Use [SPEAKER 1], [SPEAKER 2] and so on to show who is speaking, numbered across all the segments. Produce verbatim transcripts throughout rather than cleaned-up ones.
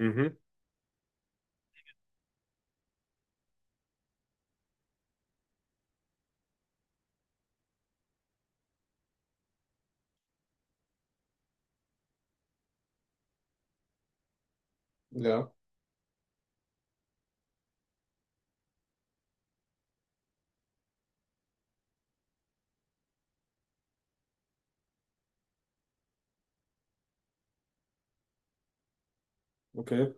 [SPEAKER 1] Mhm. Ja, okay.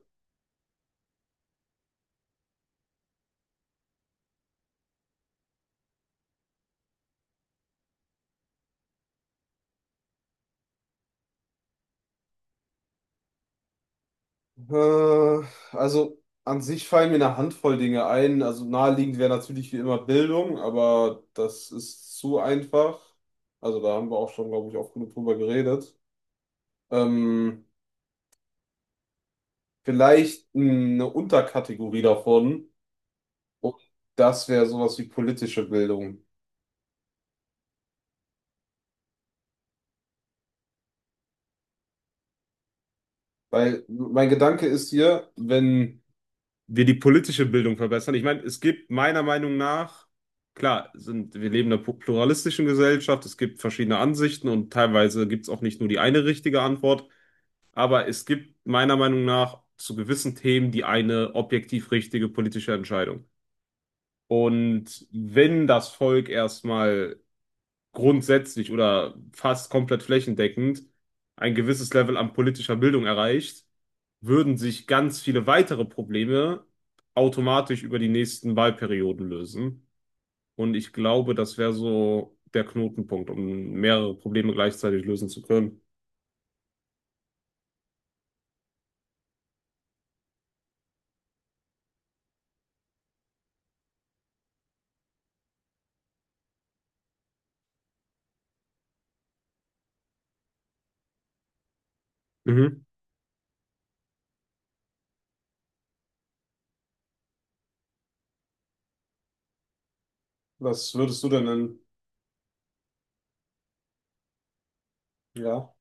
[SPEAKER 1] Äh, also an sich fallen mir eine Handvoll Dinge ein. Also naheliegend wäre natürlich wie immer Bildung, aber das ist zu einfach. Also da haben wir auch schon, glaube ich, oft genug drüber geredet. Ähm, Vielleicht eine Unterkategorie davon. Und das wäre sowas wie politische Bildung. Weil mein Gedanke ist hier, wenn wir die politische Bildung verbessern. Ich meine, es gibt meiner Meinung nach, klar, sind, wir leben in einer pu- pluralistischen Gesellschaft, es gibt verschiedene Ansichten und teilweise gibt es auch nicht nur die eine richtige Antwort, aber es gibt meiner Meinung nach zu gewissen Themen die eine objektiv richtige politische Entscheidung. Und wenn das Volk erstmal grundsätzlich oder fast komplett flächendeckend ein gewisses Level an politischer Bildung erreicht, würden sich ganz viele weitere Probleme automatisch über die nächsten Wahlperioden lösen. Und ich glaube, das wäre so der Knotenpunkt, um mehrere Probleme gleichzeitig lösen zu können. Mhm. Was würdest du denn nennen? Ja.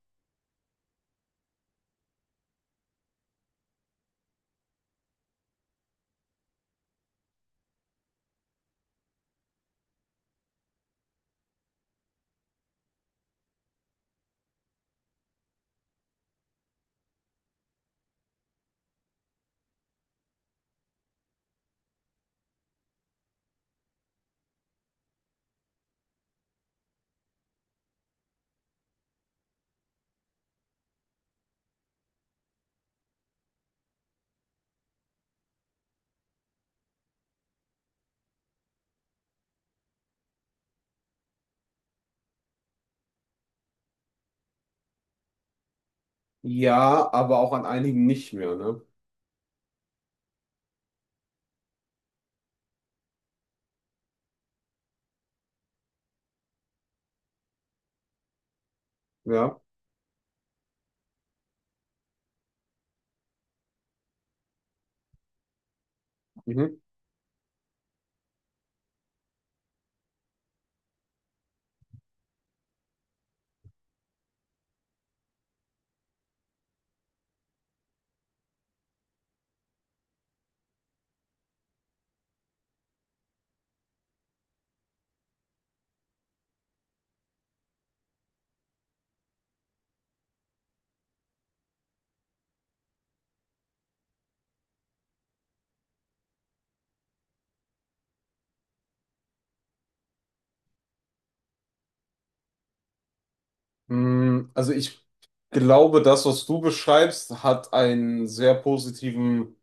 [SPEAKER 1] Ja, aber auch an einigen nicht mehr, ne? Ja. Mhm. Mm, also ich glaube, das, was du beschreibst, hat einen sehr positiven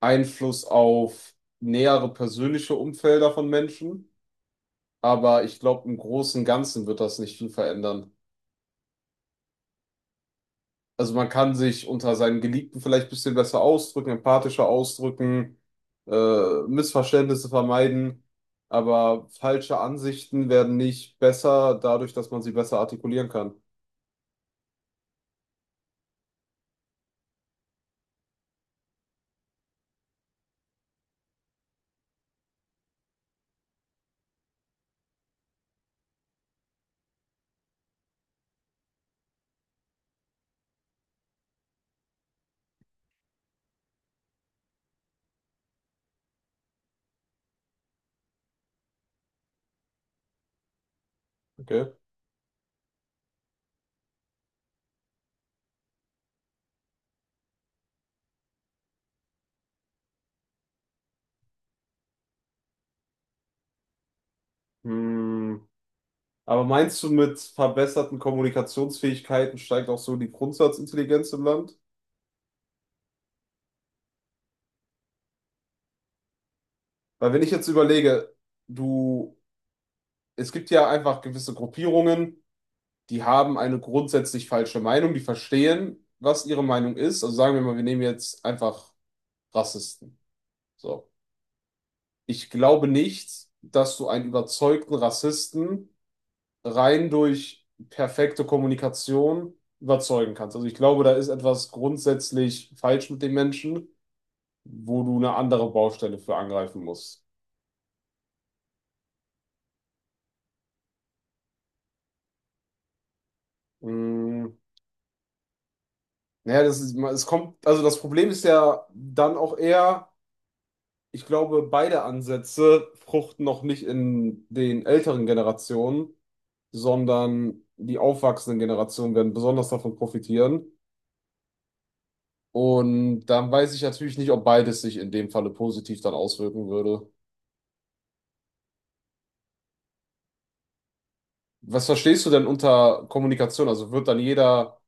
[SPEAKER 1] Einfluss auf nähere persönliche Umfelder von Menschen, aber ich glaube, im Großen und Ganzen wird das nicht viel verändern. Also man kann sich unter seinen Geliebten vielleicht ein bisschen besser ausdrücken, empathischer ausdrücken, äh, Missverständnisse vermeiden, aber falsche Ansichten werden nicht besser dadurch, dass man sie besser artikulieren kann. Okay. Hm. Aber meinst du, mit verbesserten Kommunikationsfähigkeiten steigt auch so die Grundsatzintelligenz im Land? Weil wenn ich jetzt überlege, du es gibt ja einfach gewisse Gruppierungen, die haben eine grundsätzlich falsche Meinung, die verstehen, was ihre Meinung ist. Also sagen wir mal, wir nehmen jetzt einfach Rassisten. So. Ich glaube nicht, dass du einen überzeugten Rassisten rein durch perfekte Kommunikation überzeugen kannst. Also ich glaube, da ist etwas grundsätzlich falsch mit den Menschen, wo du eine andere Baustelle für angreifen musst. Mm, naja, das ist, es kommt, also das Problem ist ja dann auch eher, ich glaube, beide Ansätze fruchten noch nicht in den älteren Generationen, sondern die aufwachsenden Generationen werden besonders davon profitieren. Und dann weiß ich natürlich nicht, ob beides sich in dem Falle positiv dann auswirken würde. Was verstehst du denn unter Kommunikation? Also wird dann jeder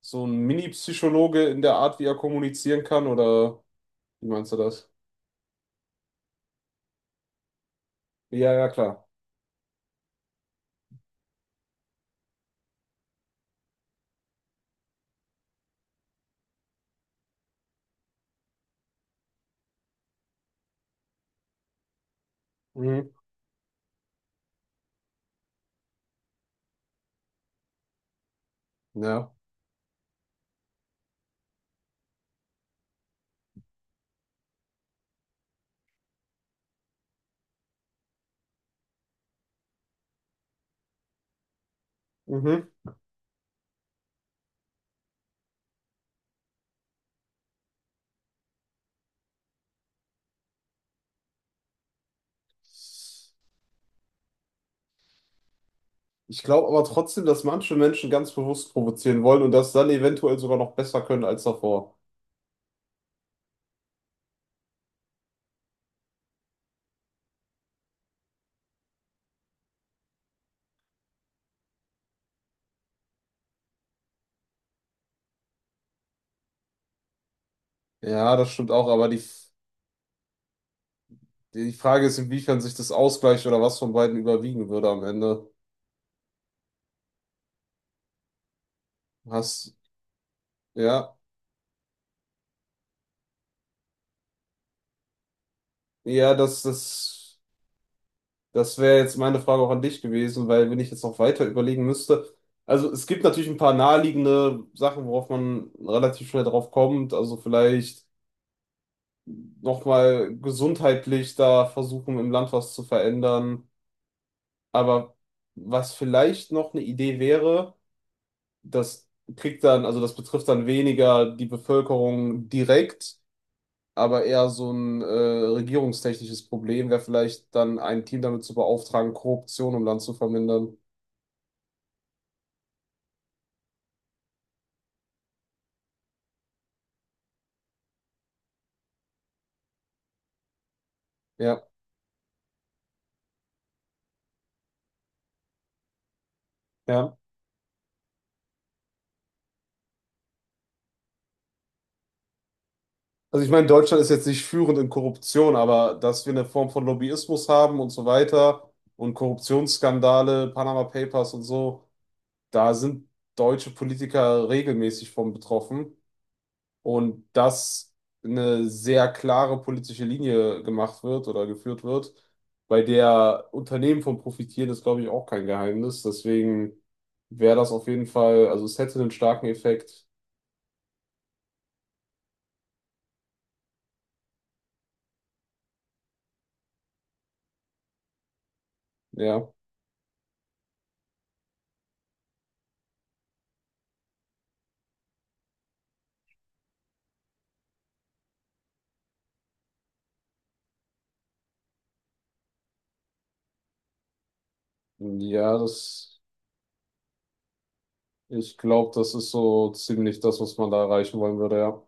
[SPEAKER 1] so ein Mini-Psychologe in der Art, wie er kommunizieren kann? Oder wie meinst du das? Ja, ja, klar. Mhm. Ja. Mhm. Ich glaube aber trotzdem, dass manche Menschen ganz bewusst provozieren wollen und das dann eventuell sogar noch besser können als davor. Ja, das stimmt auch, aber die, die Frage ist, inwiefern sich das ausgleicht oder was von beiden überwiegen würde am Ende. Hast, ja, ja, das, das, das wäre jetzt meine Frage auch an dich gewesen, weil wenn ich jetzt noch weiter überlegen müsste, also es gibt natürlich ein paar naheliegende Sachen, worauf man relativ schnell drauf kommt, also vielleicht nochmal gesundheitlich da versuchen, im Land was zu verändern. Aber was vielleicht noch eine Idee wäre, das kriegt dann, also das betrifft dann weniger die Bevölkerung direkt, aber eher so ein äh, regierungstechnisches Problem, wäre vielleicht dann ein Team damit zu beauftragen, Korruption im Land zu vermindern. Ja, ja. Also ich meine, Deutschland ist jetzt nicht führend in Korruption, aber dass wir eine Form von Lobbyismus haben und so weiter und Korruptionsskandale, Panama Papers und so, da sind deutsche Politiker regelmäßig von betroffen. Und dass eine sehr klare politische Linie gemacht wird oder geführt wird, bei der Unternehmen von profitieren, ist, glaube ich, auch kein Geheimnis. Deswegen wäre das auf jeden Fall, also es hätte einen starken Effekt. Ja, ja, das, ich glaube, das ist so ziemlich das, was man da erreichen wollen würde, ja.